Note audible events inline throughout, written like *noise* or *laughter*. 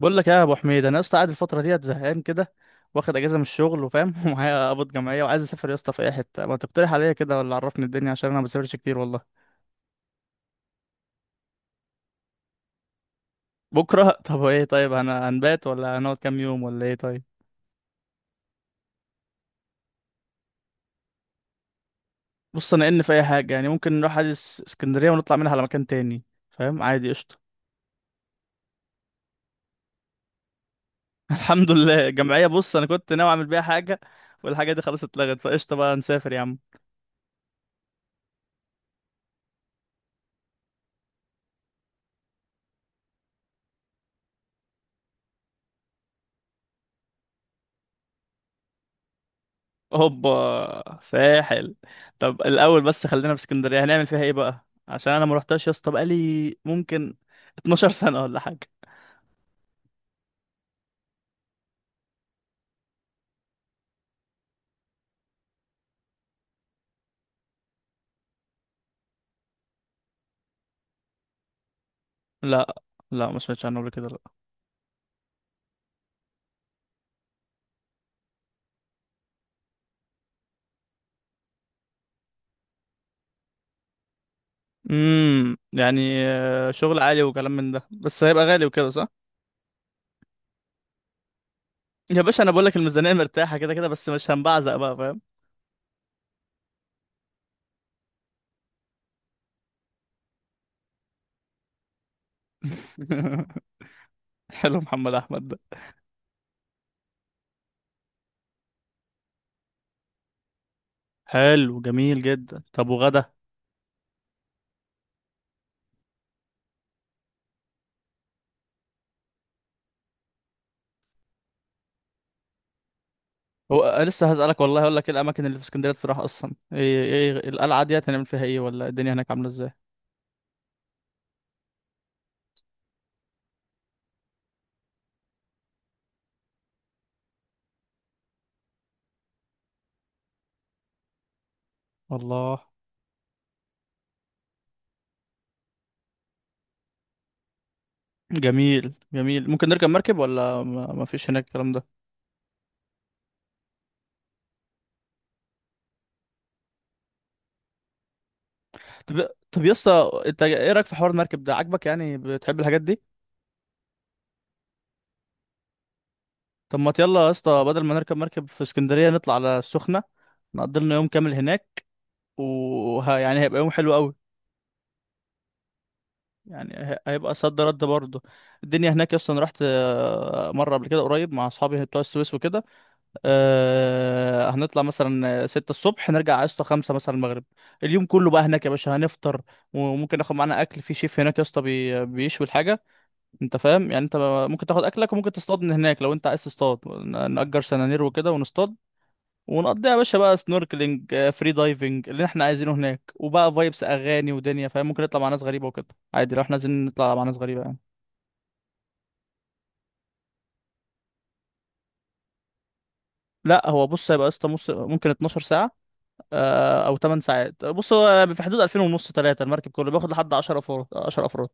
بقول لك ايه يا ابو حميد. انا يا اسطى قاعد الفتره ديت زهقان كده، واخد اجازه من الشغل وفاهم *laughs* ومعايا قبض جمعيه وعايز اسافر يا اسطى في اي حته، ما تقترح عليا كده؟ ولا عرفني الدنيا، عشان انا ما بسافرش كتير والله. بكره *laughs* طب ايه؟ طيب انا هنبات ولا هنقعد كام يوم ولا ايه؟ طيب بص، انا ان في اي حاجه ممكن نروح عادي اسكندريه ونطلع منها على مكان تاني، فاهم؟ عادي، قشطه. *laughs* الحمد لله الجمعيه، بص انا كنت ناوي اعمل بيها حاجه، والحاجه دي خلاص اتلغت، فقشطه بقى نسافر يا عم. هوبا، ساحل؟ طب الاول بس خلينا في اسكندريه، هنعمل فيها ايه بقى؟ عشان انا ما رحتهاش يا اسطى بقالي ممكن 12 *laughs* سنه ولا حاجه. لا، لا ما سمعتش عنه قبل كده، لا. شغل عالي وكلام من ده، بس هيبقى غالي وكده، صح؟ يا باشا انا بقول لك الميزانيه مرتاحه كده كده، بس مش هنبعزق بقى، فاهم؟ *laughs* حلو، محمد احمد ده. حلو، جميل جدا. طب وغدا؟ هو آه، لسه هسألك والله، هقول لك ايه الاماكن اللي في اسكندريه تروح؟ اصلا ايه ايه القلعه دي، هنعمل فيها ايه؟ ولا الدنيا هناك عامله ازاي؟ الله. جميل جميل. ممكن نركب مركب ولا ما فيش هناك الكلام ده؟ طب طب يا اسطى، انت ايه رايك في حوار المركب ده؟ عاجبك؟ يعني بتحب الحاجات دي؟ طب ما يلا يا اسطى، بدل ما نركب مركب في اسكندريه نطلع على السخنه، نقضي لنا يوم كامل هناك، يعني هيبقى يوم حلو قوي. يعني هيبقى صد رد برضه. الدنيا هناك يا اسطى انا رحت مره قبل كده قريب مع اصحابي بتوع السويس وكده. هنطلع مثلا ستة الصبح، نرجع على اسطى خمسة مثلا المغرب. اليوم كله بقى هناك يا باشا، هنفطر، وممكن ناخد معانا اكل، في شيف هناك يا اسطى بيشوي الحاجة، انت فاهم يعني؟ انت ممكن تاخد اكلك، وممكن تصطاد من هناك لو انت عايز تصطاد، نأجر سنانير وكده ونصطاد. ونقضيها يا باشا بقى سنوركلينج فري دايفنج اللي احنا عايزينه هناك، وبقى فايبس اغاني ودنيا، فاهم؟ ممكن نطلع مع ناس غريبة وكده، عادي لو احنا عايزين نطلع مع ناس غريبة يعني. لا هو بص، هيبقى يا اسطى ممكن 12 ساعة او 8 ساعات. بص هو في حدود 2000 ونص، 3 المركب كله، بياخد لحد 10 افراد، 10 افراد.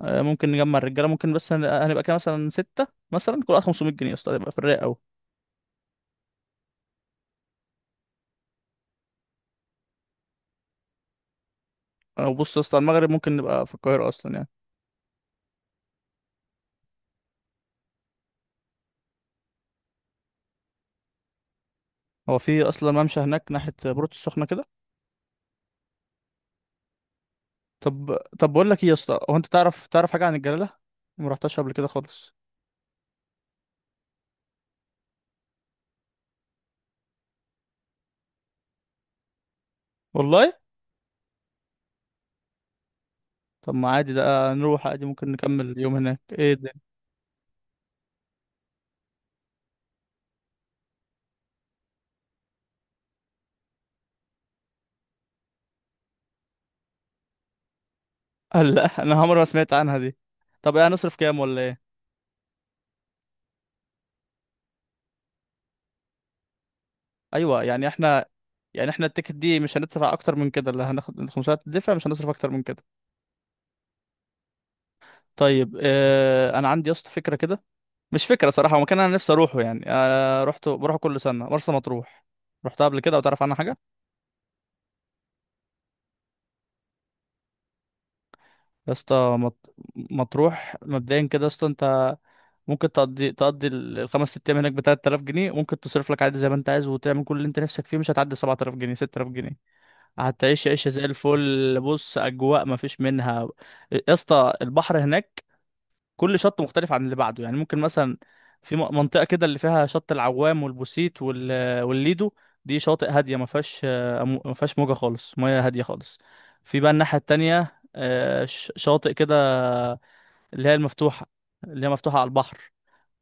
ممكن نجمع الرجاله، ممكن، بس هنبقى كده مثلا 6، مثلا كل واحد 500 جنيه يا اسطى، هيبقى في الرايق قوي. او بص يا اسطى، المغرب ممكن نبقى في القاهره اصلا يعني. هو في اصلا ممشى هناك ناحيه بورتو السخنه كده؟ طب طب بقول لك ايه يا اسطى، هو انت تعرف حاجه عن الجلاله؟ ما رحتهاش قبل كده خالص والله. طب ما عادي، ده نروح عادي، ممكن نكمل اليوم هناك، ايه ده؟ *laughs* لا، انا عمري ما سمعت عنها دي. طب ايه هنصرف كام ولا ايه؟ ايوه يعني احنا، يعني احنا التيكت دي مش هندفع اكتر من كده، اللي هناخد الخمسمية تدفع، مش هنصرف اكتر من كده. طيب اه، انا عندي يا اسطى فكره كده، مش فكره صراحه، هو مكان انا نفسي اروحه، يعني انا رحت بروحه كل سنه، مرسى مطروح. رحتها قبل كده او تعرف عنها حاجه؟ يا اسطى مطروح مبدئيا كده يا اسطى، انت ممكن تقضي الخمس ست ايام هناك ب 3000 جنيه، ممكن تصرف لك عادي زي ما انت عايز، وتعمل كل اللي انت نفسك فيه، مش هتعدي 7000 جنيه، 6000 جنيه. هتعيش عيشة زي الفل. بص أجواء مفيش منها يا اسطى، البحر هناك كل شط مختلف عن اللي بعده. يعني ممكن مثلا في منطقة كده، اللي فيها شط العوام والبوسيت والليدو، دي شواطئ هادية، ما فيهاش ما فيهاش موجة خالص، مياه هادية خالص. في بقى الناحية التانية شواطئ كده اللي هي المفتوحة، اللي هي مفتوحة على البحر،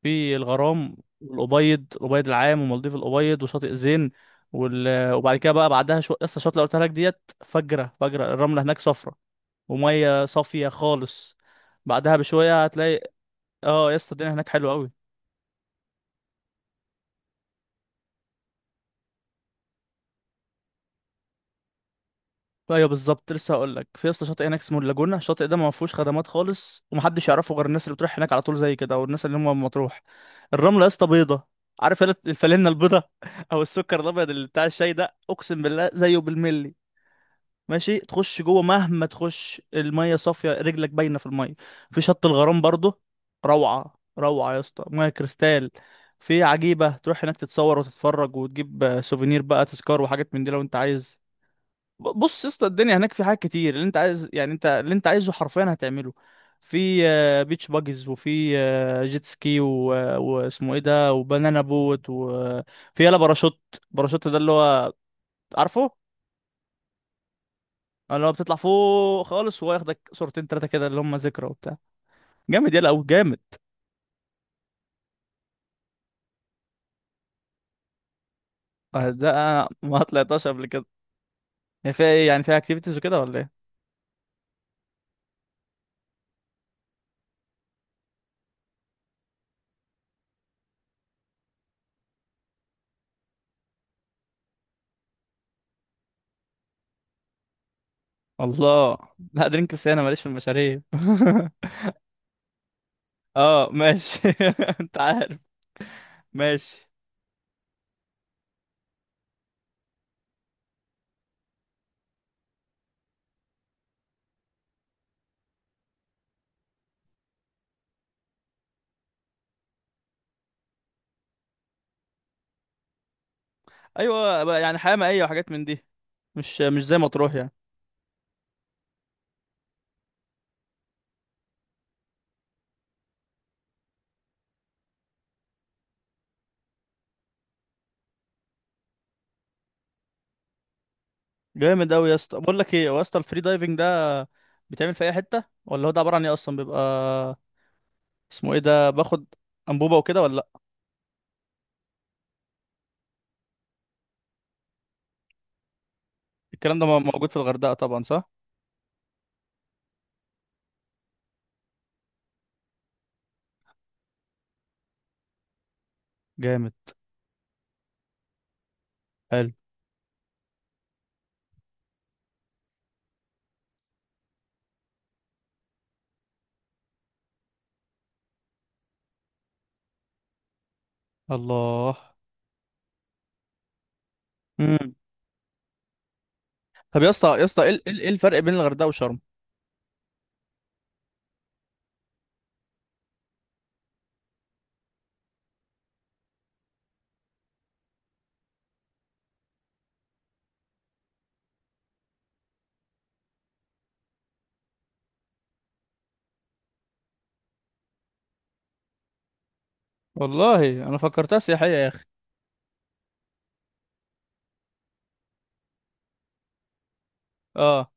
في الغرام والأبيض، الأبيض العام، ومالديف الأبيض، وشاطئ زين. وبعد كده بقى بعدها شو لسه الشاطئ اللي قلتها لك ديت، فجرة، فجرة الرملة هناك صفرة، ومية صافية خالص. بعدها بشوية هتلاقي، اه يا اسطى الدنيا هناك حلوة قوي. ايوه بالظبط، لسه هقول لك، في يا اسطى شاطئ هناك اسمه اللاجونة، الشاطئ ده ما فيهوش خدمات خالص، ومحدش يعرفه غير الناس اللي بتروح هناك على طول زي كده، او الناس اللي هم من مطروح. الرملة يا اسطى بيضة، عارف الفلينة البيضة؟ *laughs* او السكر الابيض اللي بتاع الشاي ده، اقسم بالله زيه بالملي. ماشي تخش جوه مهما تخش، الميه صافيه، رجلك باينه في الميه. في شط الغرام برضه، روعه روعه يا اسطى، ميه كريستال. في عجيبه، تروح هناك تتصور وتتفرج، وتجيب سوفينير بقى، تذكار وحاجات من دي لو انت عايز. بص يا اسطى الدنيا هناك في حاجات كتير اللي انت عايز، يعني انت اللي انت عايزه حرفيا هتعمله. في بيتش باجز، وفي جيت سكي واسمه ايه ده، وبنانا بوت، وفي يلا باراشوت، باراشوت ده اللي هو، عارفه؟ أنا لو بتطلع فوق خالص، وياخدك صورتين تلاتة كده اللي هم ذكرى وبتاع، جامد يلا أو جامد. ده أنا ما طلعتهاش قبل كده. هي فيها إيه يعني؟ فيها أكتيفيتيز وكده ولا إيه؟ الله. لا درينكس أنا ماليش في المشاريب *laughs* أه ماشي. *laughs* أنت عارف. ماشي. أيوه بقى، يعني حياة مائية وحاجات من دي، مش مش زي ما تروح يعني. جامد أوي يا اسطى، بقول لك إيه، هو يا اسطى الفري دايفنج ده بيتعمل في أي حتة؟ ولا هو ده عبارة عن إيه أصلا؟ بيبقى اسمه إيه ده؟ باخد أنبوبة وكده ولا لأ؟ الكلام ده موجود في الغردقة طبعا صح؟ جامد. حلو. الله. امم طب يا اسطى، يا اسطى ايه ايه الفرق بين الغردقه وشرم؟ والله انا فكرتها سياحيه يا اخي. اه.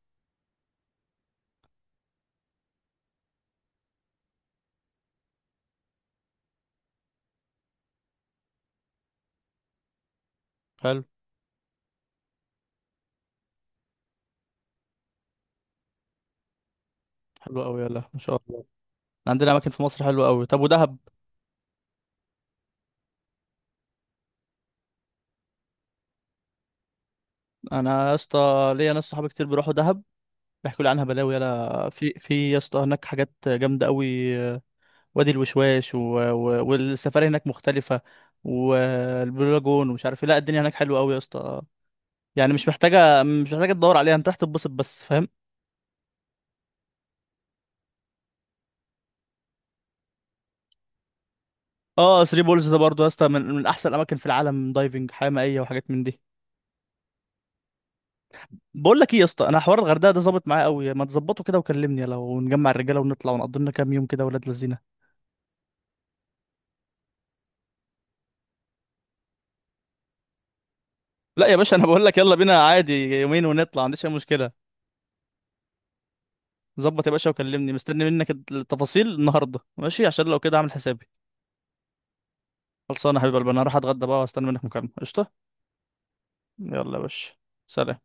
حلو. حلو قوي، يلا ما شاء الله، عندنا اماكن في مصر حلوه قوي. طب ودهب؟ انا يا اسطى ليا ناس صحابي كتير بيروحوا دهب، بيحكوا لي عنها بلاوي، يلا في يا اسطى هناك حاجات جامده قوي. وادي الوشواش والسفاري هناك مختلفه، والبلو لاجون ومش عارف ايه. لا الدنيا هناك حلوه قوي يا اسطى، يعني مش محتاجه تدور عليها، انت راح تتبسط بس، فاهم؟ اه، 3 بولز ده برضو يا اسطى من احسن الاماكن في العالم، دايفنج، حياه مائيه وحاجات من دي. بقول لك ايه يا اسطى، انا حوار الغردقه ده ظابط معايا قوي، ما تظبطه كده وكلمني، لو نجمع الرجاله ونطلع ونقضي لنا كام يوم كده، ولاد لذينه. لا يا باشا انا بقول لك يلا بينا، عادي يومين ونطلع، ما عنديش اي مشكله. ظبط يا باشا، وكلمني مستني منك التفاصيل النهارده، ماشي؟ عشان لو كده اعمل حسابي. خلصانه يا حبيب قلبي، انا هروح اتغدى بقى، واستنى منك مكالمه. قشطه. يلا يا باشا. سلام.